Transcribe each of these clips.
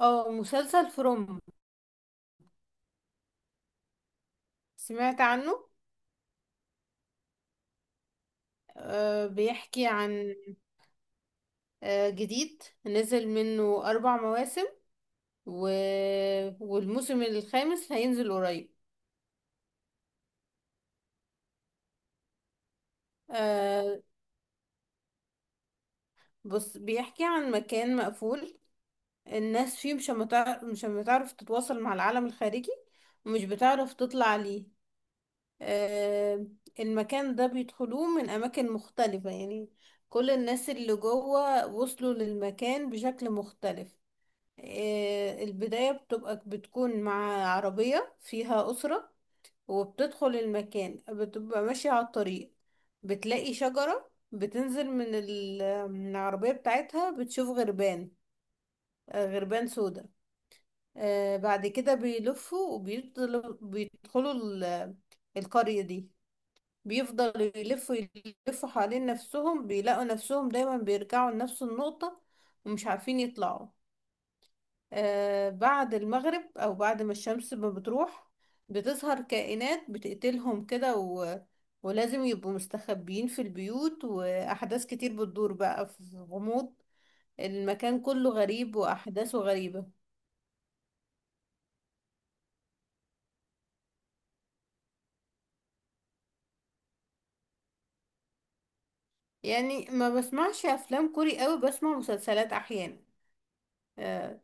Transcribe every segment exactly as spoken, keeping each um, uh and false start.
اه، مسلسل فروم سمعت عنه. آه بيحكي عن، آه جديد، نزل منه أربع مواسم و... والموسم الخامس هينزل قريب. آه، بص، بيحكي عن مكان مقفول، الناس فيه مش متع... مش بتعرف تتواصل مع العالم الخارجي ومش بتعرف تطلع ليه. آه، المكان ده بيدخلوه من أماكن مختلفة، يعني كل الناس اللي جوه وصلوا للمكان بشكل مختلف. آه، البداية بتبقى بتكون مع عربية فيها أسرة، وبتدخل المكان بتبقى ماشية على الطريق، بتلاقي شجرة، بتنزل من ال- من العربية بتاعتها، بتشوف غربان. آه، غربان سودا. آه، بعد كده بيلفوا وبيدخلوا بيدخلوا ال- القرية دي. بيفضلوا يلفوا، يلفوا حوالين نفسهم، بيلاقوا نفسهم دايما بيرجعوا لنفس النقطة ومش عارفين يطلعوا. آه، بعد المغرب او بعد ما الشمس ما بتروح، بتظهر كائنات بتقتلهم كده، و... ولازم يبقوا مستخبيين في البيوت، واحداث كتير بتدور بقى في غموض. المكان كله غريب واحداثه غريبة. يعني ما بسمعش افلام كوري قوي، بسمع مسلسلات احيانا. اه.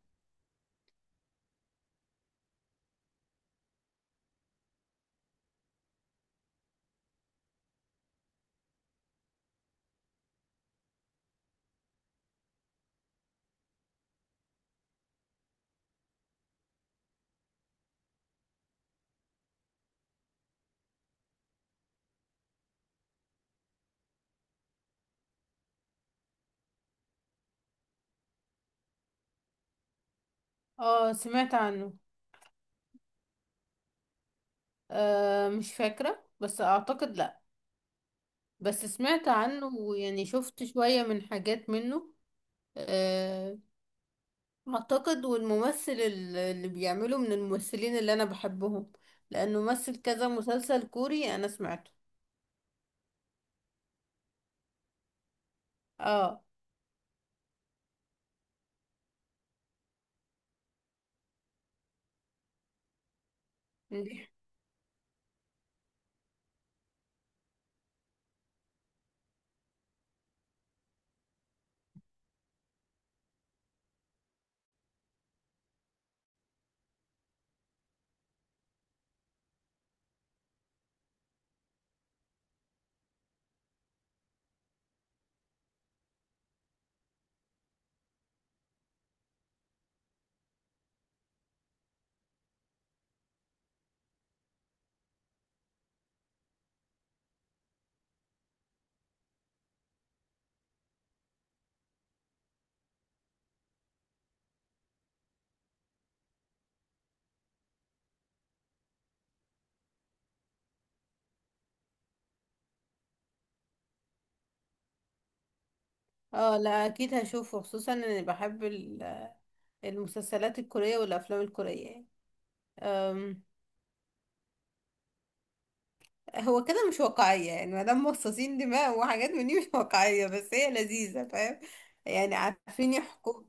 آه، سمعت عنه. آه، مش فاكرة، بس اعتقد لا. بس سمعت عنه، ويعني شفت شوية من حاجات منه. آه، اعتقد، والممثل ال- اللي بيعمله من الممثلين اللي انا بحبهم، لانه مثل كذا مسلسل كوري انا سمعته. اه. دي- اه، لا، اكيد هشوفه، خصوصا اني بحب ال- المسلسلات الكورية والافلام الكورية يعني. أم، هو كده مش واقعية، يعني مادام مصاصين دماء وحاجات من دي مش واقعية، بس هي لذيذة، فاهم؟ يعني عارفين يحكوا.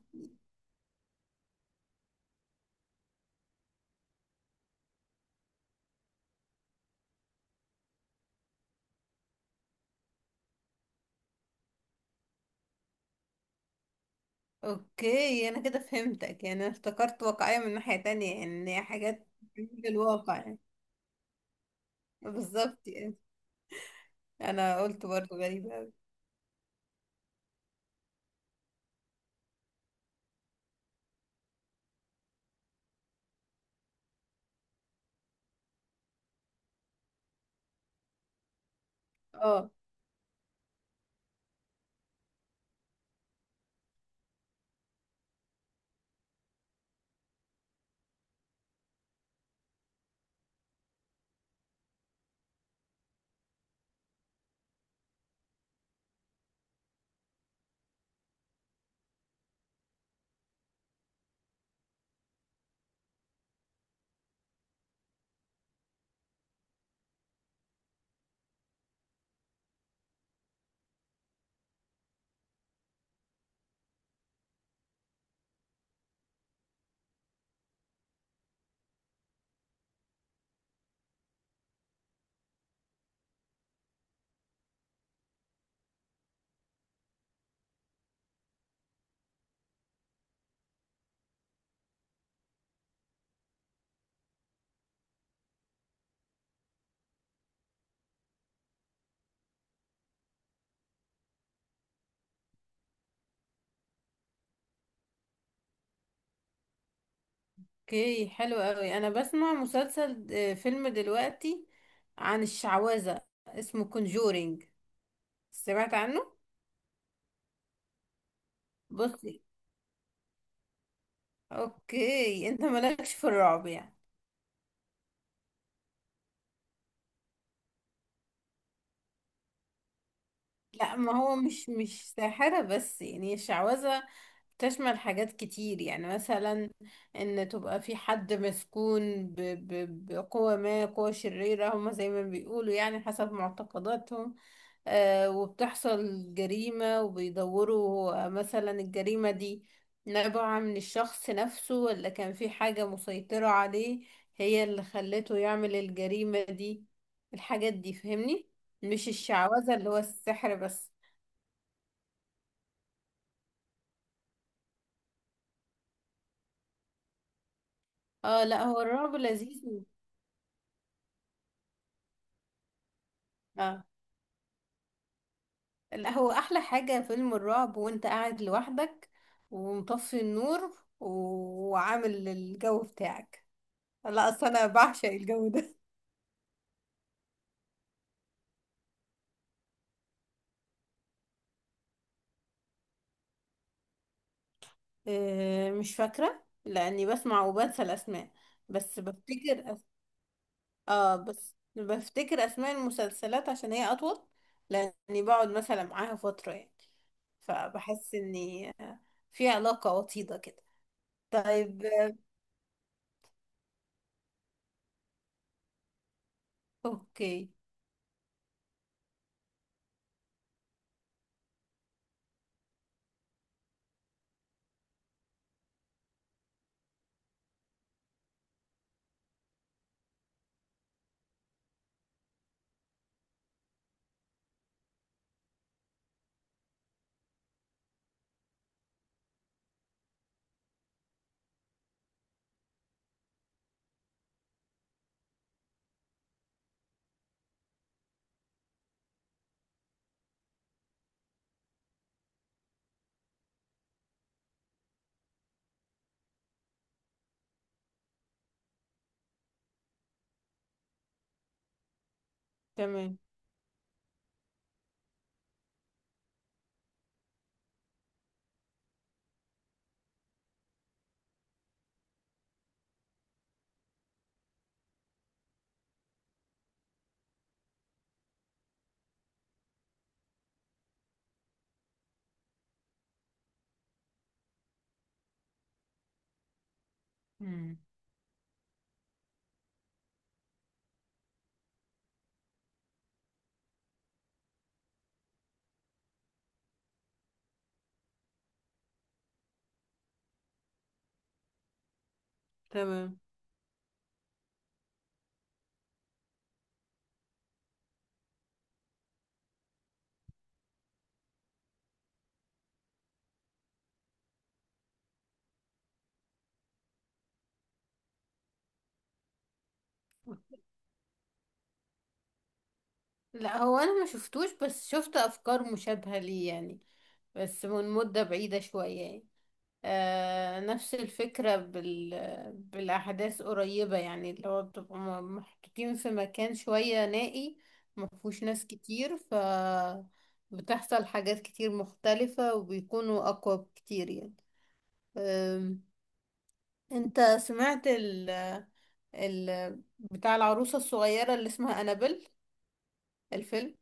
اوكي، انا كده فهمتك، يعني انا افتكرت واقعية من ناحية تانية، يعني إن هي حاجات من الواقع يعني. بالظبط يعني. انا قلت برضو غريبة اوي. اه. اوكي، حلو قوي. انا بسمع مسلسل، آه، فيلم دلوقتي عن الشعوذة، اسمه كونجورينج، سمعت عنه؟ بصي، اوكي، انت مالكش في الرعب يعني؟ لا، ما هو مش مش ساحرة بس، يعني الشعوذة تشمل حاجات كتير، يعني مثلا ان تبقى في حد مسكون ب- ب- بقوة ما، قوة شريرة، هما زي ما بيقولوا يعني حسب معتقداتهم. آه، وبتحصل جريمة وبيدوروا هو مثلا الجريمة دي نابعة من الشخص نفسه، ولا كان في حاجة مسيطرة عليه هي اللي خلته يعمل الجريمة دي. الحاجات دي فهمني، مش الشعوذة اللي هو السحر بس. اه، لا، هو الرعب لذيذ. اه، لا، هو احلى حاجة فيلم الرعب وانت قاعد لوحدك ومطفي النور و- وعامل الجو بتاعك. لا، اصل انا بعشق الجو ده. آه، مش فاكرة لاني بسمع وبنسى الاسماء. بس بفتكر أس... اه، بس بفتكر اسماء المسلسلات عشان هي اطول، لاني بقعد مثلا معاها فترة يعني، فبحس اني آه، في علاقة وطيدة كده. طيب. آه، اوكي. تمام. مم، تمام. لا، هو انا ما شفتوش، بس شفت افكار مشابهة ليه يعني، بس من مدة بعيدة شوية يعني. آه، نفس الفكرة بال... بالاحداث قريبة، يعني اللي هو بتبقى م- محطوطين في مكان شوية نائي، ما فيهوش ناس كتير، ف بتحصل حاجات كتير مختلفة وبيكونوا اقوى بكتير يعني. آم، انت سمعت ال... ال... بتاع العروسة الصغيرة اللي اسمها انابل، الفيلم؟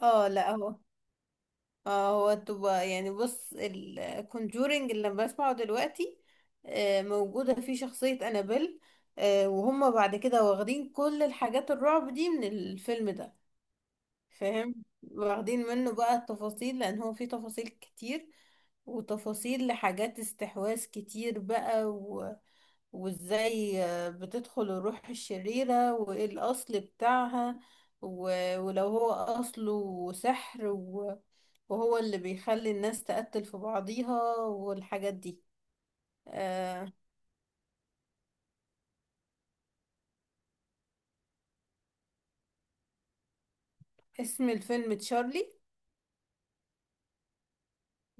اه. لا هو اه هو تبقى يعني، بص، الكونجورينج اللي أنا بسمعه دلوقتي آه، موجودة فيه شخصية أنابيل، آه، وهم بعد كده واخدين كل الحاجات الرعب دي من الفيلم ده، فاهم؟ واخدين منه بقى التفاصيل، لأن هو فيه تفاصيل كتير وتفاصيل لحاجات استحواذ كتير بقى، وازاي آه، بتدخل الروح الشريرة وايه الاصل بتاعها، و- ولو هو اصله سحر، و- وهو اللي بيخلي الناس تقتل في بعضيها والحاجات دي. آه. اسم الفيلم تشارلي؟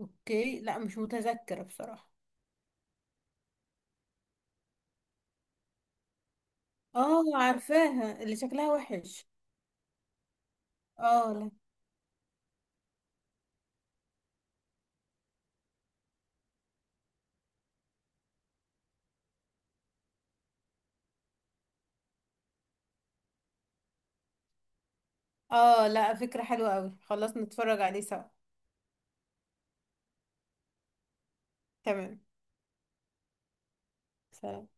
اوكي، لا، مش متذكرة بصراحة. اه، عارفاها اللي شكلها وحش. اه. لا. اه، لا، فكرة حلوة قوي، خلاص نتفرج عليه سوا. تمام. سلام.